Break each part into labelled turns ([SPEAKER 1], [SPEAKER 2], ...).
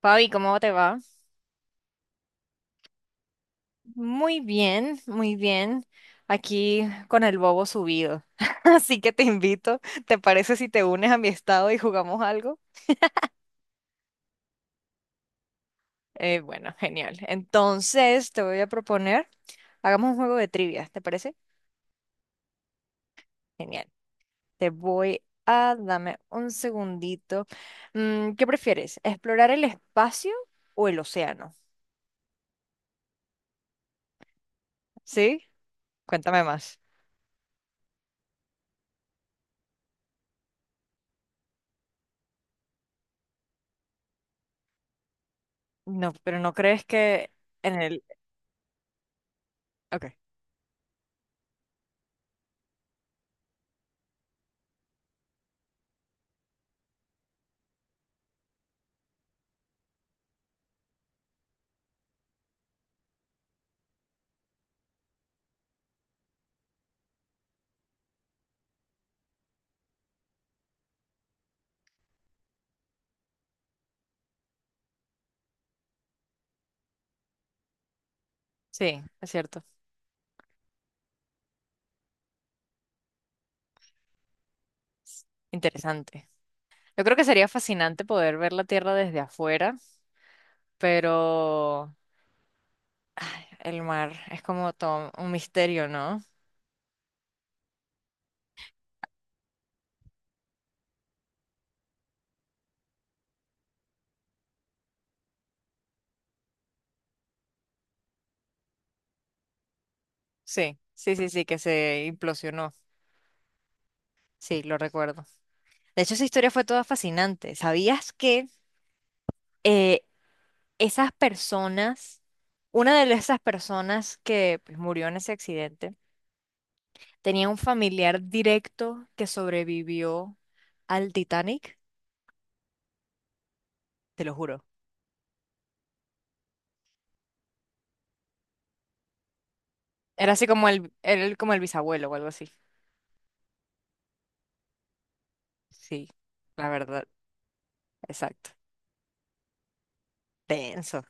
[SPEAKER 1] Fabi, ¿cómo te va? Muy bien, muy bien. Aquí con el bobo subido. Así que te invito, ¿te parece si te unes a mi estado y jugamos algo? Bueno, genial. Entonces te voy a proponer, hagamos un juego de trivia, ¿te parece? Genial. Dame un segundito. ¿Qué prefieres? ¿Explorar el espacio o el océano? ¿Sí? Cuéntame más. No, pero ¿no crees que en el... Ok, sí, es cierto. Interesante. Yo creo que sería fascinante poder ver la Tierra desde afuera, pero ay, el mar es como todo un misterio, ¿no? Sí, sí, sí, sí, que se implosionó. Sí, lo recuerdo. De hecho, esa historia fue toda fascinante. ¿Sabías que eh, esas una de esas personas que pues, murió en ese accidente, tenía un familiar directo que sobrevivió al Titanic? Te lo juro. Era así como era como el bisabuelo o algo así. Sí, la verdad, exacto. Tenso.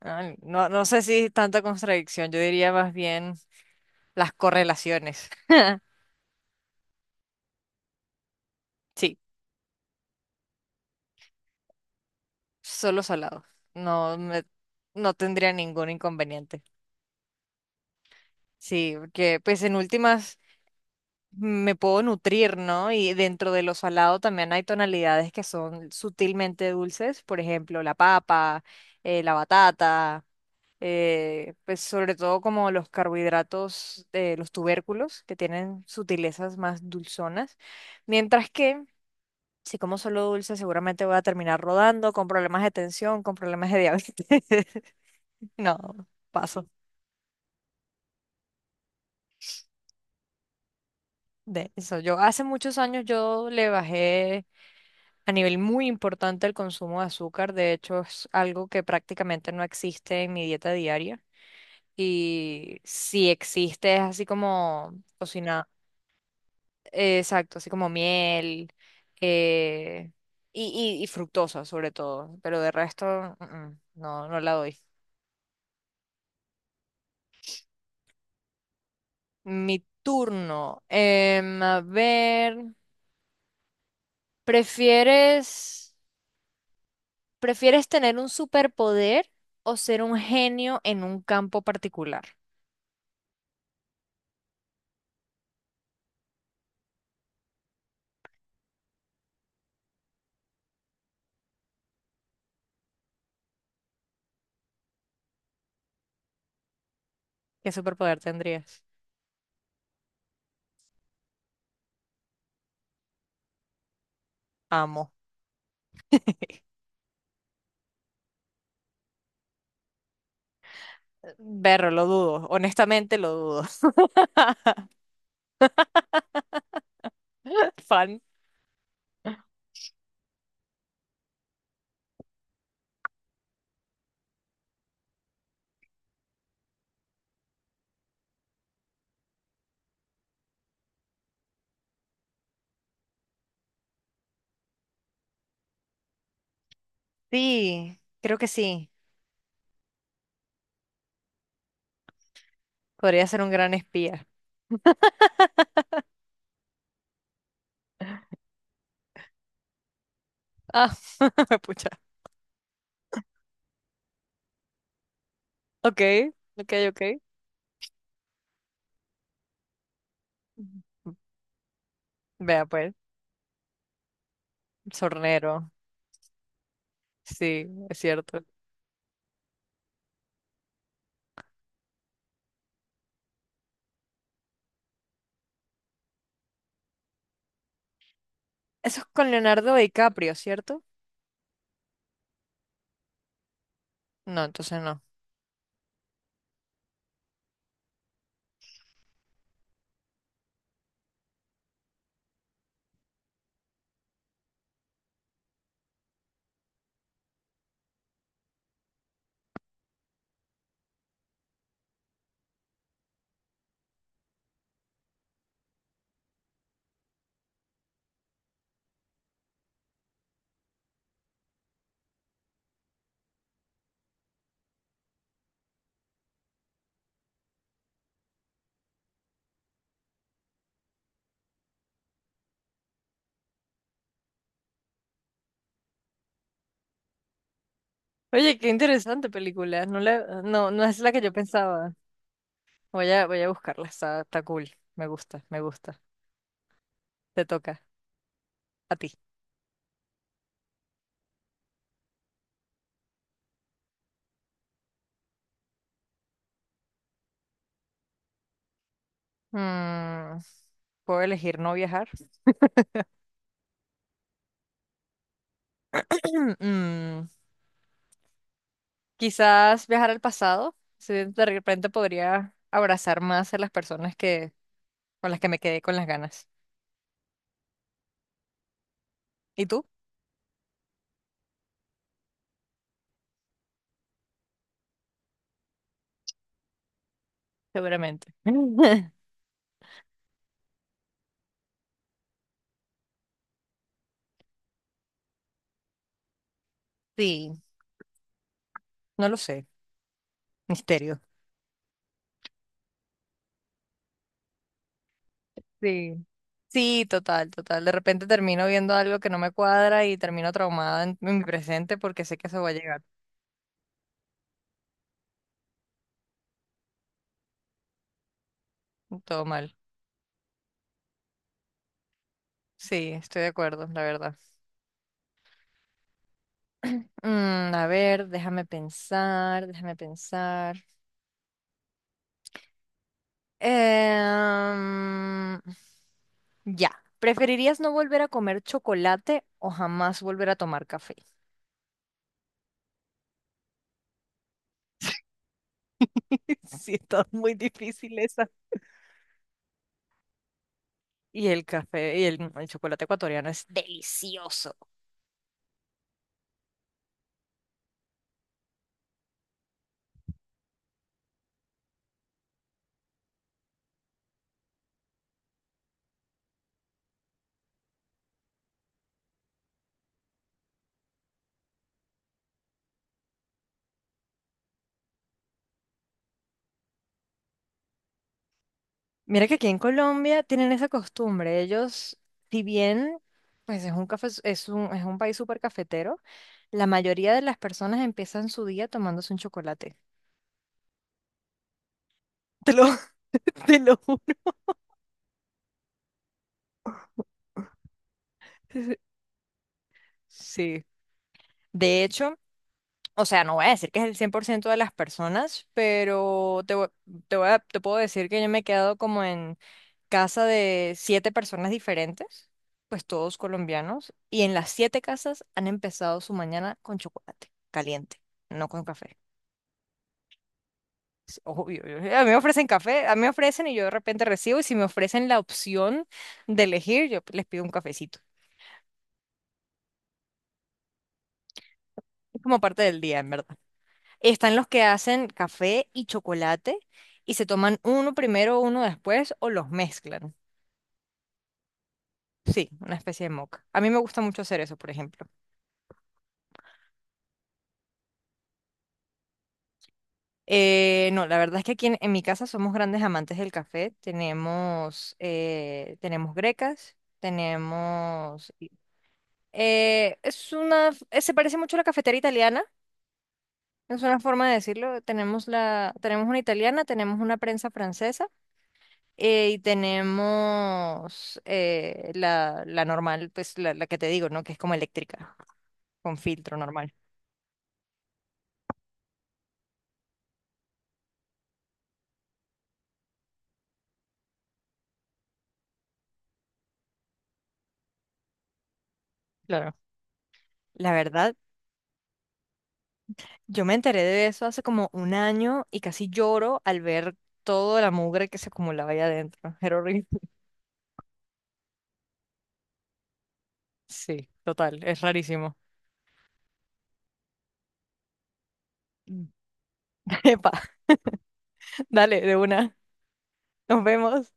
[SPEAKER 1] Ay, no, no sé si tanta contradicción, yo diría más bien las correlaciones. Sí, solo salado. No me, no tendría ningún inconveniente. Sí, porque pues en últimas me puedo nutrir, ¿no? Y dentro de lo salado también hay tonalidades que son sutilmente dulces, por ejemplo, la papa, la batata, pues sobre todo como los carbohidratos de los tubérculos, que tienen sutilezas más dulzonas, mientras que si como solo dulce seguramente voy a terminar rodando con problemas de tensión, con problemas de diabetes. No, paso de eso. Yo hace muchos años yo le bajé a nivel muy importante el consumo de azúcar. De hecho, es algo que prácticamente no existe en mi dieta diaria. Y si existe es así como cocinado. Exacto, así como miel, eh, y fructosa sobre todo, pero de resto no, no la doy. Mi turno. A ver, ¿prefieres, ¿prefieres tener un superpoder o ser un genio en un campo particular? ¿Qué superpoder tendrías? Amo. Berro, lo dudo, honestamente lo dudo. Fan. Sí, creo que sí. Podría ser un gran espía. Ah, pucha. Ok, ok, ok. Ujú. Vea pues, sornero. Sí, es cierto. Eso es con Leonardo DiCaprio, ¿cierto? No, entonces no. Oye, qué interesante película. No, no es la que yo pensaba. Voy a buscarla. Está cool. Me gusta, me gusta. Te toca. A ti. Mm, ¿Puedo elegir no viajar? Mm, quizás viajar al pasado. Si de repente podría abrazar más a las personas, con las que me quedé con las ganas. ¿Y tú? Seguramente. Sí, no lo sé. Misterio. Sí. Sí, total, total. De repente termino viendo algo que no me cuadra y termino traumada en mi presente porque sé que eso va a llegar. Todo mal. Sí, estoy de acuerdo, la verdad. A ver, déjame pensar, déjame pensar. Em, ya. ¿Preferirías no volver a comer chocolate o jamás volver a tomar café? Sí, está muy difíciles. Y el café y el chocolate ecuatoriano es delicioso. Mira que aquí en Colombia tienen esa costumbre. Ellos, si bien pues es un café, es es un país súper cafetero, la mayoría de las personas empiezan su día tomándose un chocolate. Te lo, te lo juro. Sí. De hecho, o sea, no voy a decir que es el 100% de las personas, pero te voy a- te puedo decir que yo me he quedado como en casa de 7 personas diferentes, pues todos colombianos, y en las 7 casas han empezado su mañana con chocolate caliente, no con café. Es obvio, a mí me ofrecen café, a mí me ofrecen y yo de repente recibo, y si me ofrecen la opción de elegir, yo pues, les pido un cafecito. Es como parte del día, en verdad. Están los que hacen café y chocolate y se toman uno primero, uno después o los mezclan. Sí, una especie de mocha. A mí me gusta mucho hacer eso, por ejemplo. No, la verdad es que aquí en mi casa somos grandes amantes del café. Tenemos grecas, tenemos... es una... se parece mucho a la cafetera italiana, es una forma de decirlo. Tenemos una italiana, tenemos una prensa francesa. Y tenemos la normal, pues la que te digo, ¿no? Que es como eléctrica, con filtro normal. Claro. La verdad, yo me enteré de eso hace como un año y casi lloro al ver toda la mugre que se acumulaba allá adentro. Era horrible. Sí, total, es rarísimo. Epa, dale, de una. Nos vemos.